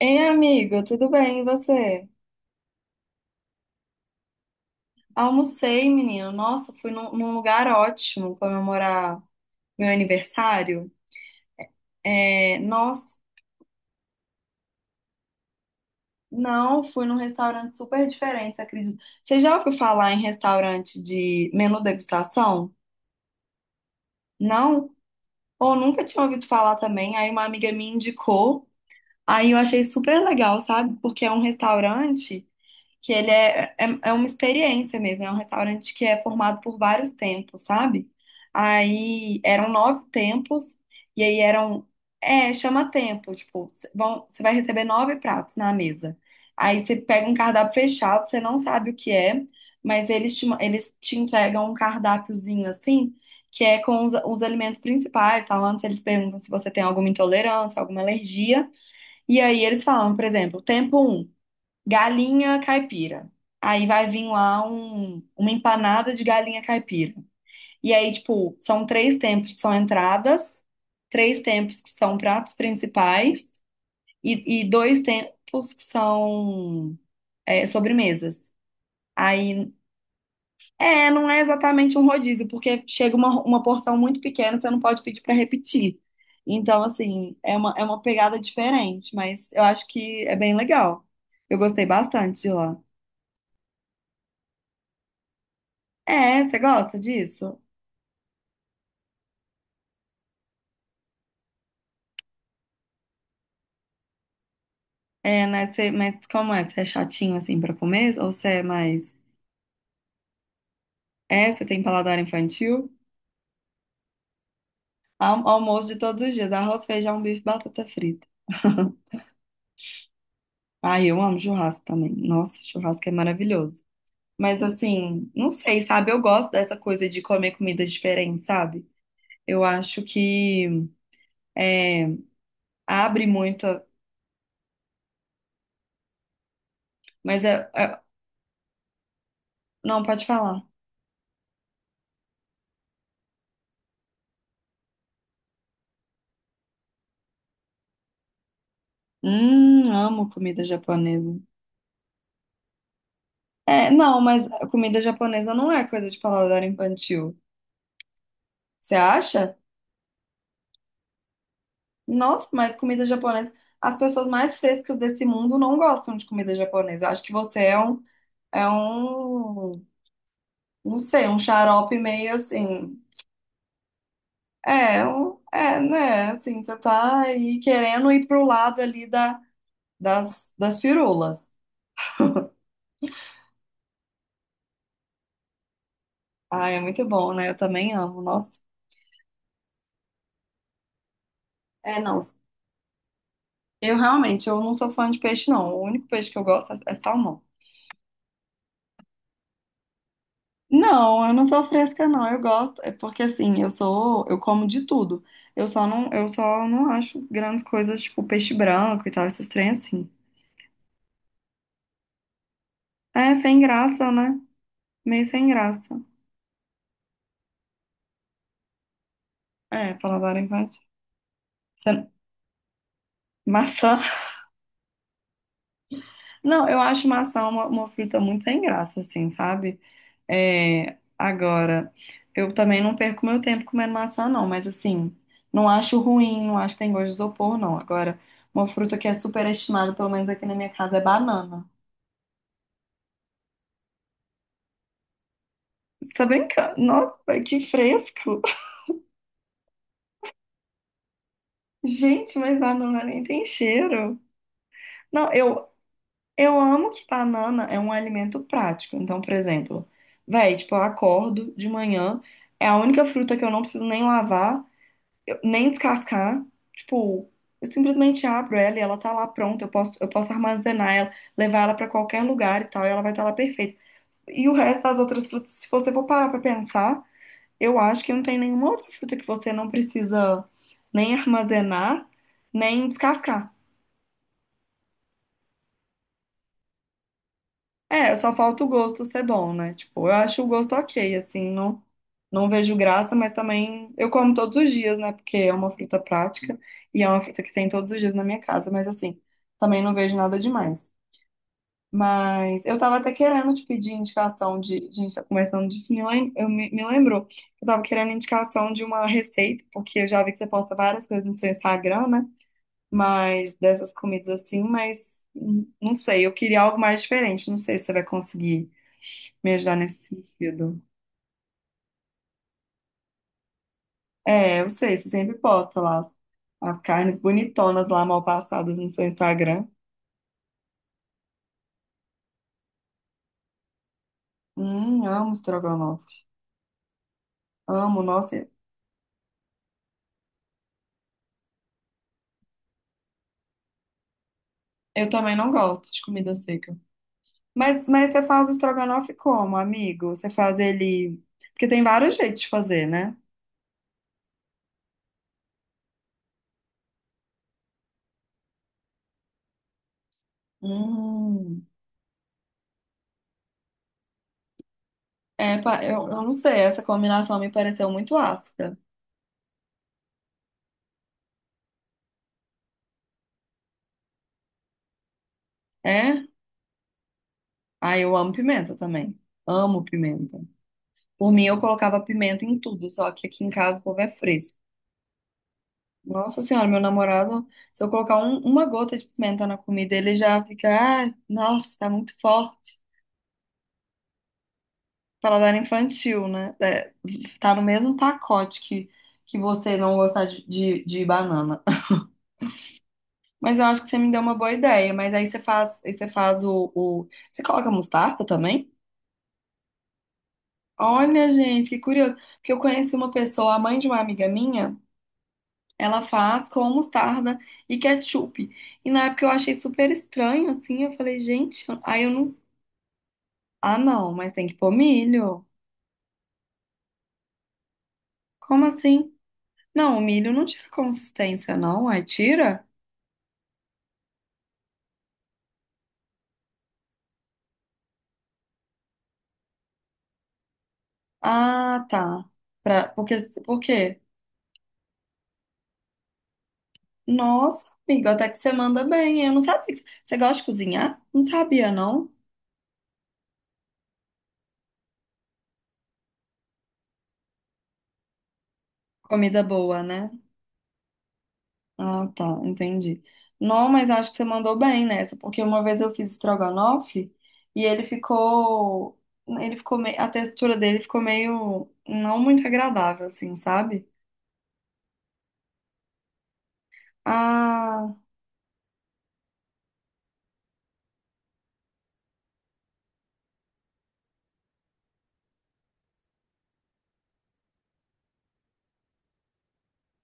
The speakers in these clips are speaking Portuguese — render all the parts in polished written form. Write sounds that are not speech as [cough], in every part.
Ei, amigo, tudo bem? E você? Almocei, menino. Nossa, fui num lugar ótimo comemorar meu aniversário. É, nossa, não, Fui num restaurante super diferente, você acredita? Você já ouviu falar em restaurante de menu degustação? Não? Ou nunca tinha ouvido falar também. Aí uma amiga me indicou. Aí eu achei super legal, sabe? Porque é um restaurante. Que ele é uma experiência mesmo, é um restaurante que é formado por vários tempos, sabe? Aí eram 9 tempos, e aí chama tempo, tipo, vão, você vai receber 9 pratos na mesa. Aí você pega um cardápio fechado, você não sabe o que é, mas eles eles te entregam um cardápiozinho assim, que é com os alimentos principais, tá? Antes eles perguntam se você tem alguma intolerância, alguma alergia, e aí eles falam, por exemplo, tempo um galinha caipira. Aí vai vir lá uma empanada de galinha caipira. E aí, tipo, são três tempos que são entradas, três tempos que são pratos principais e dois tempos que são sobremesas. Aí, é, não é exatamente um rodízio, porque chega uma porção muito pequena, você não pode pedir para repetir. Então, assim, é uma pegada diferente, mas eu acho que é bem legal. Eu gostei bastante de lá. É, você gosta disso? É, né? Você, mas como é? Você é chatinho assim pra comer? Ou você é mais. É, você tem paladar infantil? Almoço de todos os dias: arroz, feijão, bife, batata frita. [laughs] Ai, eu amo churrasco também. Nossa, churrasco é maravilhoso. Mas assim, não sei, sabe? Eu gosto dessa coisa de comer comidas diferentes, sabe? Eu acho que é, abre muito. Mas não, pode falar. Amo comida japonesa. É, não, mas a comida japonesa não é coisa de paladar infantil. Você acha? Nossa, mas comida japonesa. As pessoas mais frescas desse mundo não gostam de comida japonesa. Acho que você é um, não sei, um xarope meio assim. Né? Assim, você tá aí querendo ir pro lado ali das firulas. Ah, é muito bom, né? Eu também amo. Nossa, é, não. Eu realmente, eu não sou fã de peixe, não. O único peixe que eu gosto é salmão. Não, eu não sou fresca, não. Eu gosto, é porque assim, eu como de tudo. Eu só não acho grandes coisas tipo peixe branco e tal, esses trem assim. É, sem graça, né? Meio sem graça. É, paladar infantil. Você- Maçã. [laughs] Não, eu acho maçã uma fruta muito sem graça, assim, sabe? É, agora, eu também não perco meu tempo comendo maçã, não, mas assim, não acho ruim, não acho que tem gosto de isopor, não. Agora, uma fruta que é super estimada pelo menos aqui na minha casa, é banana. Você tá brincando? Nossa, que fresco! [laughs] Gente, mas banana nem tem cheiro. Não, eu amo que banana é um alimento prático. Então, por exemplo, véi, tipo, eu acordo de manhã, é a única fruta que eu não preciso nem lavar. Nem descascar. Tipo, eu simplesmente abro ela e ela tá lá pronta. Eu posso armazenar ela, levar ela pra qualquer lugar e tal, e ela vai estar lá perfeita. E o resto das outras frutas, se você for parar pra pensar, eu acho que não tem nenhuma outra fruta que você não precisa nem armazenar, nem descascar. É, só falta o gosto ser bom, né? Tipo, eu acho o gosto ok, não vejo graça, mas também eu como todos os dias, né? Porque é uma fruta prática e é uma fruta que tem todos os dias na minha casa, mas assim, também não vejo nada demais. Mas eu tava até querendo te pedir indicação de. A gente tá conversando disso, me lembrou. Eu tava querendo indicação de uma receita, porque eu já vi que você posta várias coisas no seu Instagram, né? Mas dessas comidas assim, mas não sei, eu queria algo mais diferente, não sei se você vai conseguir me ajudar nesse sentido. É, eu sei, você sempre posta lá as carnes bonitonas lá mal passadas no seu Instagram. Amo estrogonofe. Amo, nossa. Eu também não gosto de comida seca. Mas você faz o estrogonofe como, amigo? Você faz ele. Porque tem vários jeitos de fazer, né? Hum. É, eu não sei, essa combinação me pareceu muito ácida. É? Ah, eu amo pimenta também. Amo pimenta. Por mim, eu colocava pimenta em tudo, só que aqui em casa o povo é fresco. Nossa senhora, meu namorado, se eu colocar uma gota de pimenta na comida, ele já fica, ah, nossa, tá muito forte. Paladar infantil, né? É, tá no mesmo pacote que você não gostar de banana. [laughs] Mas eu acho que você me deu uma boa ideia. Mas aí você faz você coloca mostarda também? Olha, gente, que curioso. Porque eu conheci uma pessoa, a mãe de uma amiga minha, ela faz com mostarda e ketchup. E na época eu achei super estranho, assim, eu falei, gente, aí eu não. Ah, não, mas tem que pôr milho. Como assim? Não, o milho não tira consistência, não. Aí tira? Ah, tá. Pra, porque, por quê? Nossa, amigo, até que você manda bem. Eu não sabia. Você gosta de cozinhar? Não sabia, não. Comida boa, né? Ah, tá, entendi. Não, mas acho que você mandou bem nessa, porque uma vez eu fiz estrogonofe e ele ficou meio, a textura dele ficou meio não muito agradável, assim, sabe? Ah.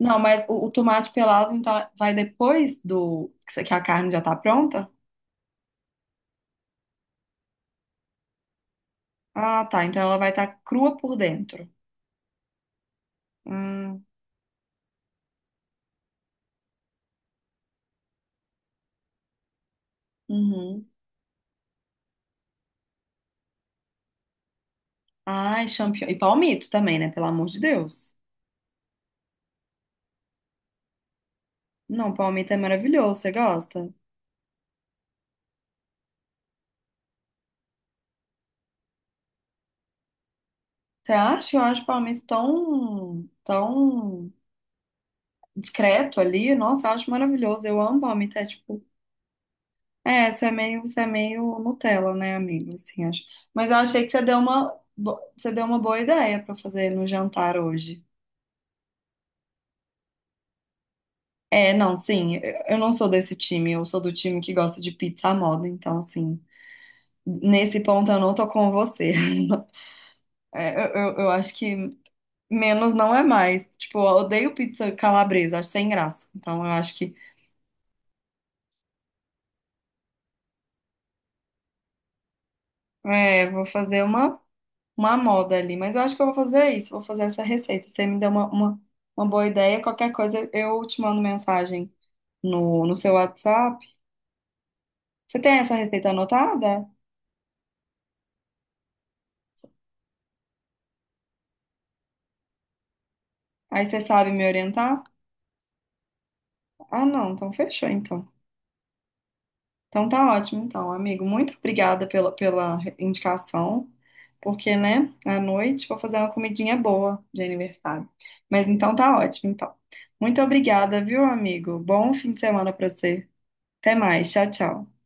Não, mas o tomate pelado então vai depois do que que a carne já tá pronta? Ah, tá. Então ela vai estar crua por dentro. Hum, uhum. Ai, champignon. E palmito também, né? Pelo amor de Deus. Não, palmito é maravilhoso. Você gosta? Você acha? Eu acho palmito tão discreto ali. Nossa, eu acho maravilhoso. Eu amo palmito. É tipo. É, você é meio Nutella, né, amigo? Assim, acho. Mas eu achei que você deu você deu uma boa ideia pra fazer no jantar hoje. É, não, sim, eu não sou desse time, eu sou do time que gosta de pizza à moda, então, assim, nesse ponto eu não tô com você. [laughs] É, eu acho que menos não é mais. Tipo, eu odeio pizza calabresa, acho sem graça. Então, eu acho que, é, vou fazer uma moda ali, mas eu acho que eu vou fazer isso, vou fazer essa receita. Você me deu uma boa ideia, qualquer coisa eu te mando mensagem no seu WhatsApp. Você tem essa receita anotada? Aí você sabe me orientar? Ah, não, então fechou, então. Então tá ótimo, então, amigo. Muito obrigada pela indicação, porque, né, à noite vou fazer uma comidinha boa de aniversário. Mas então tá ótimo, então. Muito obrigada, viu, amigo? Bom fim de semana pra você. Até mais. Tchau, tchau.